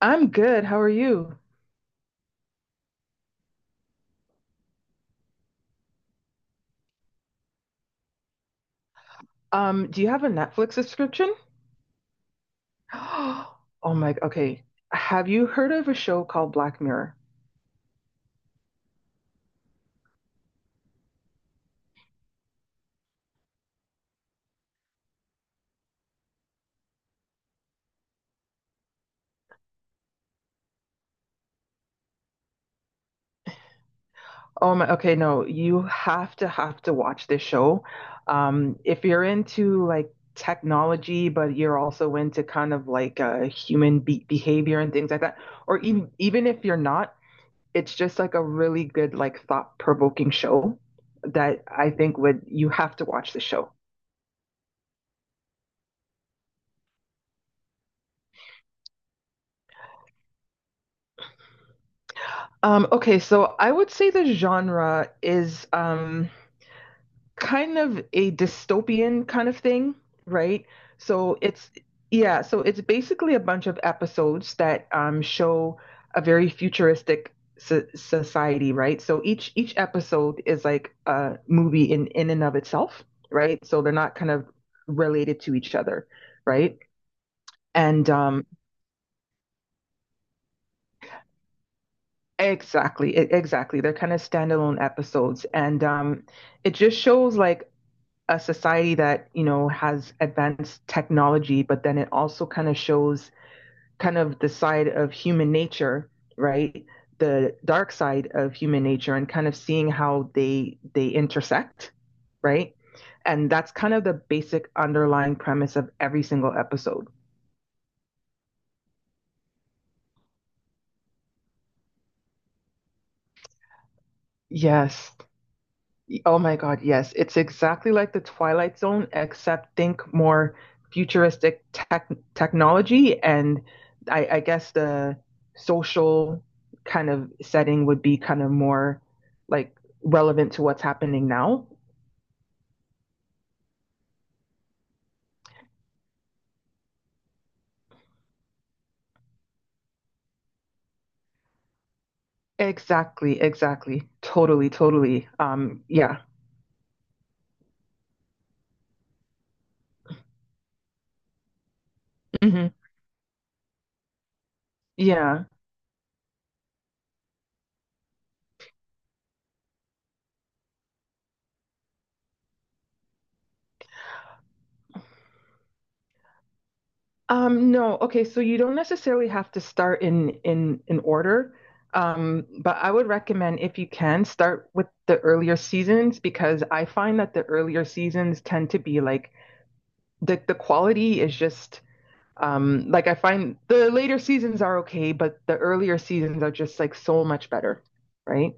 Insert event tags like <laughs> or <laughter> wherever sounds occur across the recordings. I'm good. How are you? Do you have a Netflix subscription? <gasps> Oh my, okay. Have you heard of a show called Black Mirror? Oh my, okay, no, you have to watch this show. If you're into like technology, but you're also into kind of like human be behavior and things like that, or even if you're not, it's just like a really good like thought-provoking show that I think would you have to watch the show. Okay, so I would say the genre is kind of a dystopian kind of thing, right? So it's, yeah, so it's basically a bunch of episodes that show a very futuristic society, right? So each episode is like a movie in and of itself, right? So they're not kind of related to each other, right? And exactly, exactly, they're kind of standalone episodes, and it just shows like a society that you know has advanced technology but then it also kind of shows kind of the side of human nature, right, the dark side of human nature and kind of seeing how they intersect, right, and that's kind of the basic underlying premise of every single episode. Yes. Oh my God, yes. It's exactly like the Twilight Zone, except think more futuristic technology. And I guess the social kind of setting would be kind of more like relevant to what's happening now. Exactly, exactly. Totally, totally. Yeah. Hmm. Yeah. No, okay, so you don't necessarily have to start in order. But I would recommend if you can start with the earlier seasons because I find that the earlier seasons tend to be like the quality is just like I find the later seasons are okay, but the earlier seasons are just like so much better, right?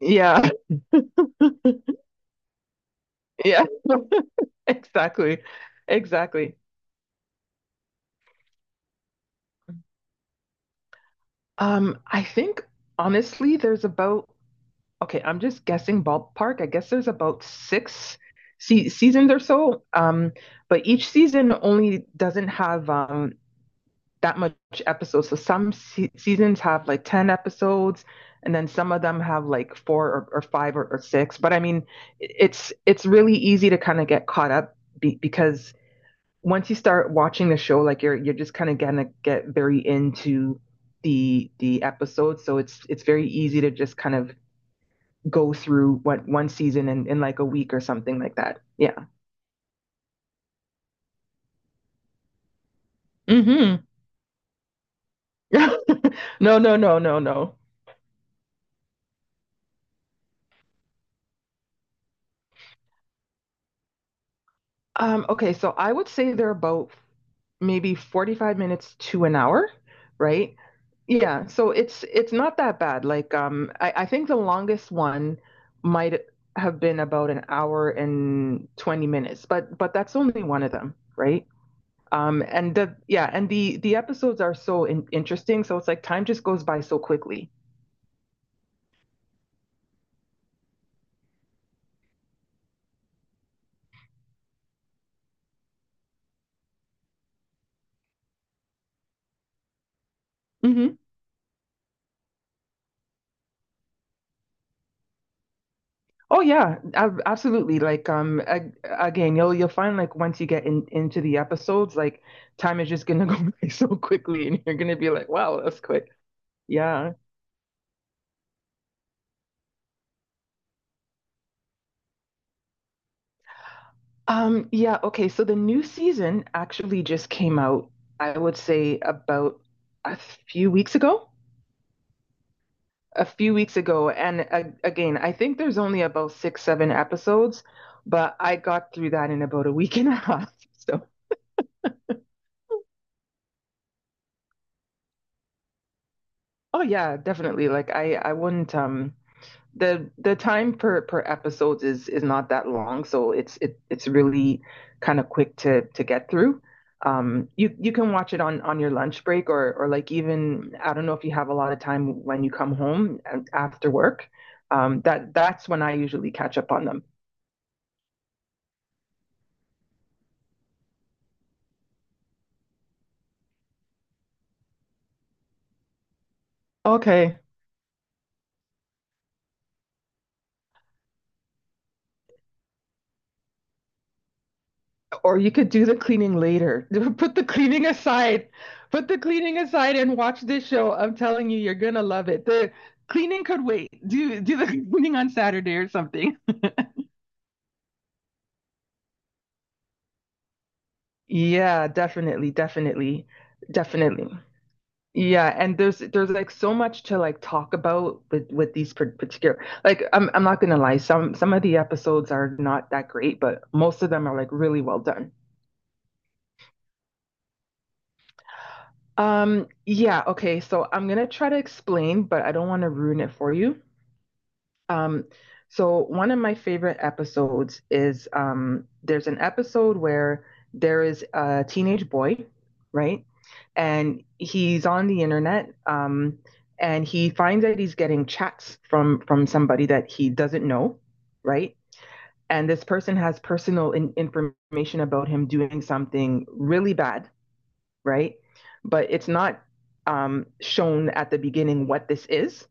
Yeah. <laughs> Yeah. <laughs> Exactly. Exactly. I think honestly there's about okay, I'm just guessing ballpark. I guess there's about six se seasons or so. But each season only doesn't have that much episodes. So some se seasons have like 10 episodes, and then some of them have like four or five or six. But I mean, it's really easy to kind of get caught up be because once you start watching the show, like you're just kind of gonna get very into the episode. So it's very easy to just kind of go through what one season in like a week or something like that. Yeah. Mm-hmm. <laughs> No, no, no, no, no. Okay, so I would say they're about maybe 45 minutes to an hour, right? Yeah, so it's not that bad. Like I think the longest one might have been about an hour and 20 minutes, but that's only one of them, right? And the yeah, and the episodes are so interesting, so it's like time just goes by so quickly. Mm-hmm. Oh yeah, absolutely. Like ag again, you'll find like once you get in into the episodes, like time is just gonna <laughs> go by so quickly and you're gonna be like, wow, that's quick. Yeah. Yeah, okay, so the new season actually just came out, I would say about a few weeks ago. A few weeks ago, and again, I think there's only about six, seven episodes, but I got through that in about a week and a half. <laughs> So, oh yeah, definitely. Like I wouldn't the time per episodes is not that long, so it's really kind of quick to get through. You can watch it on your lunch break or like even I don't know if you have a lot of time when you come home after work. That's when I usually catch up on them. Okay. Or you could do the cleaning later. <laughs> Put the cleaning aside. Put the cleaning aside and watch this show. I'm telling you, you're gonna love it. The cleaning could wait. Do do the <laughs> cleaning on Saturday or something. Yeah, definitely, definitely, definitely. Yeah, and there's like so much to like talk about with these particular like I'm not gonna lie, some of the episodes are not that great, but most of them are like really well done. Yeah, okay, so I'm gonna try to explain, but I don't want to ruin it for you. Um, so one of my favorite episodes is there's an episode where there is a teenage boy, right? And he's on the internet, and he finds that he's getting chats from somebody that he doesn't know, right? And this person has personal information about him doing something really bad, right? But it's not shown at the beginning what this is,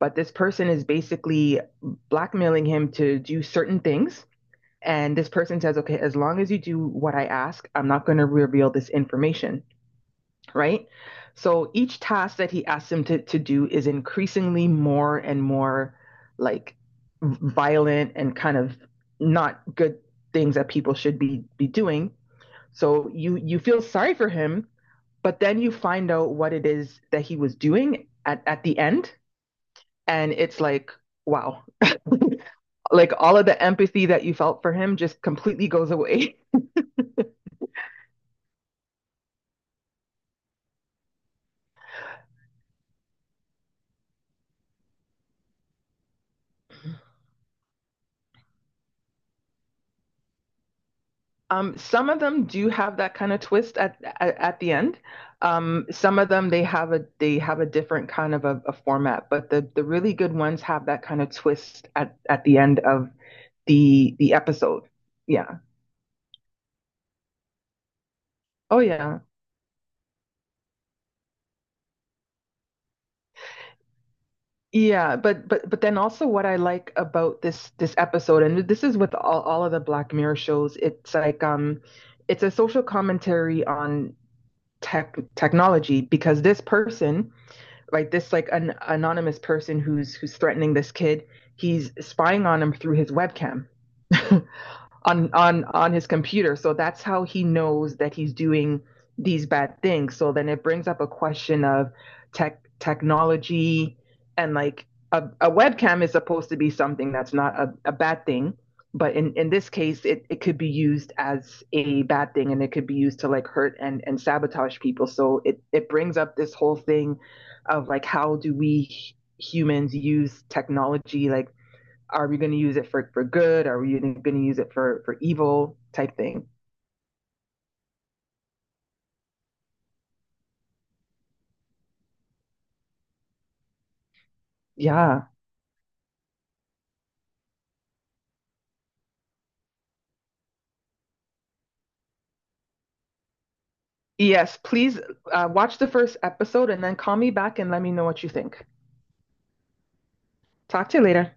but this person is basically blackmailing him to do certain things. And this person says, okay, as long as you do what I ask, I'm not going to reveal this information, right? So each task that he asks him to do is increasingly more and more like violent and kind of not good things that people should be doing. So you feel sorry for him, but then you find out what it is that he was doing at the end. And it's like, wow, like all of the empathy that you felt for him just completely goes away. <laughs> Some of them do have that kind of twist at the end. Some of them they have a different kind of a format, but the really good ones have that kind of twist at the end of the episode. Yeah. Oh yeah. Yeah, but but then also what I like about this episode, and this is with all of the Black Mirror shows, it's like it's a social commentary on technology because this person like this like an anonymous person who's threatening this kid he's spying on him through his webcam <laughs> on his computer. So that's how he knows that he's doing these bad things. So then it brings up a question of technology and like a webcam is supposed to be something that's not a bad thing. But in this case, it could be used as a bad thing and it could be used to like hurt and sabotage people. So it brings up this whole thing of like, how do we humans use technology like are we going to use it for good? Are we going to use it for evil type thing? Yeah. Yes, please watch the first episode and then call me back and let me know what you think. Talk to you later.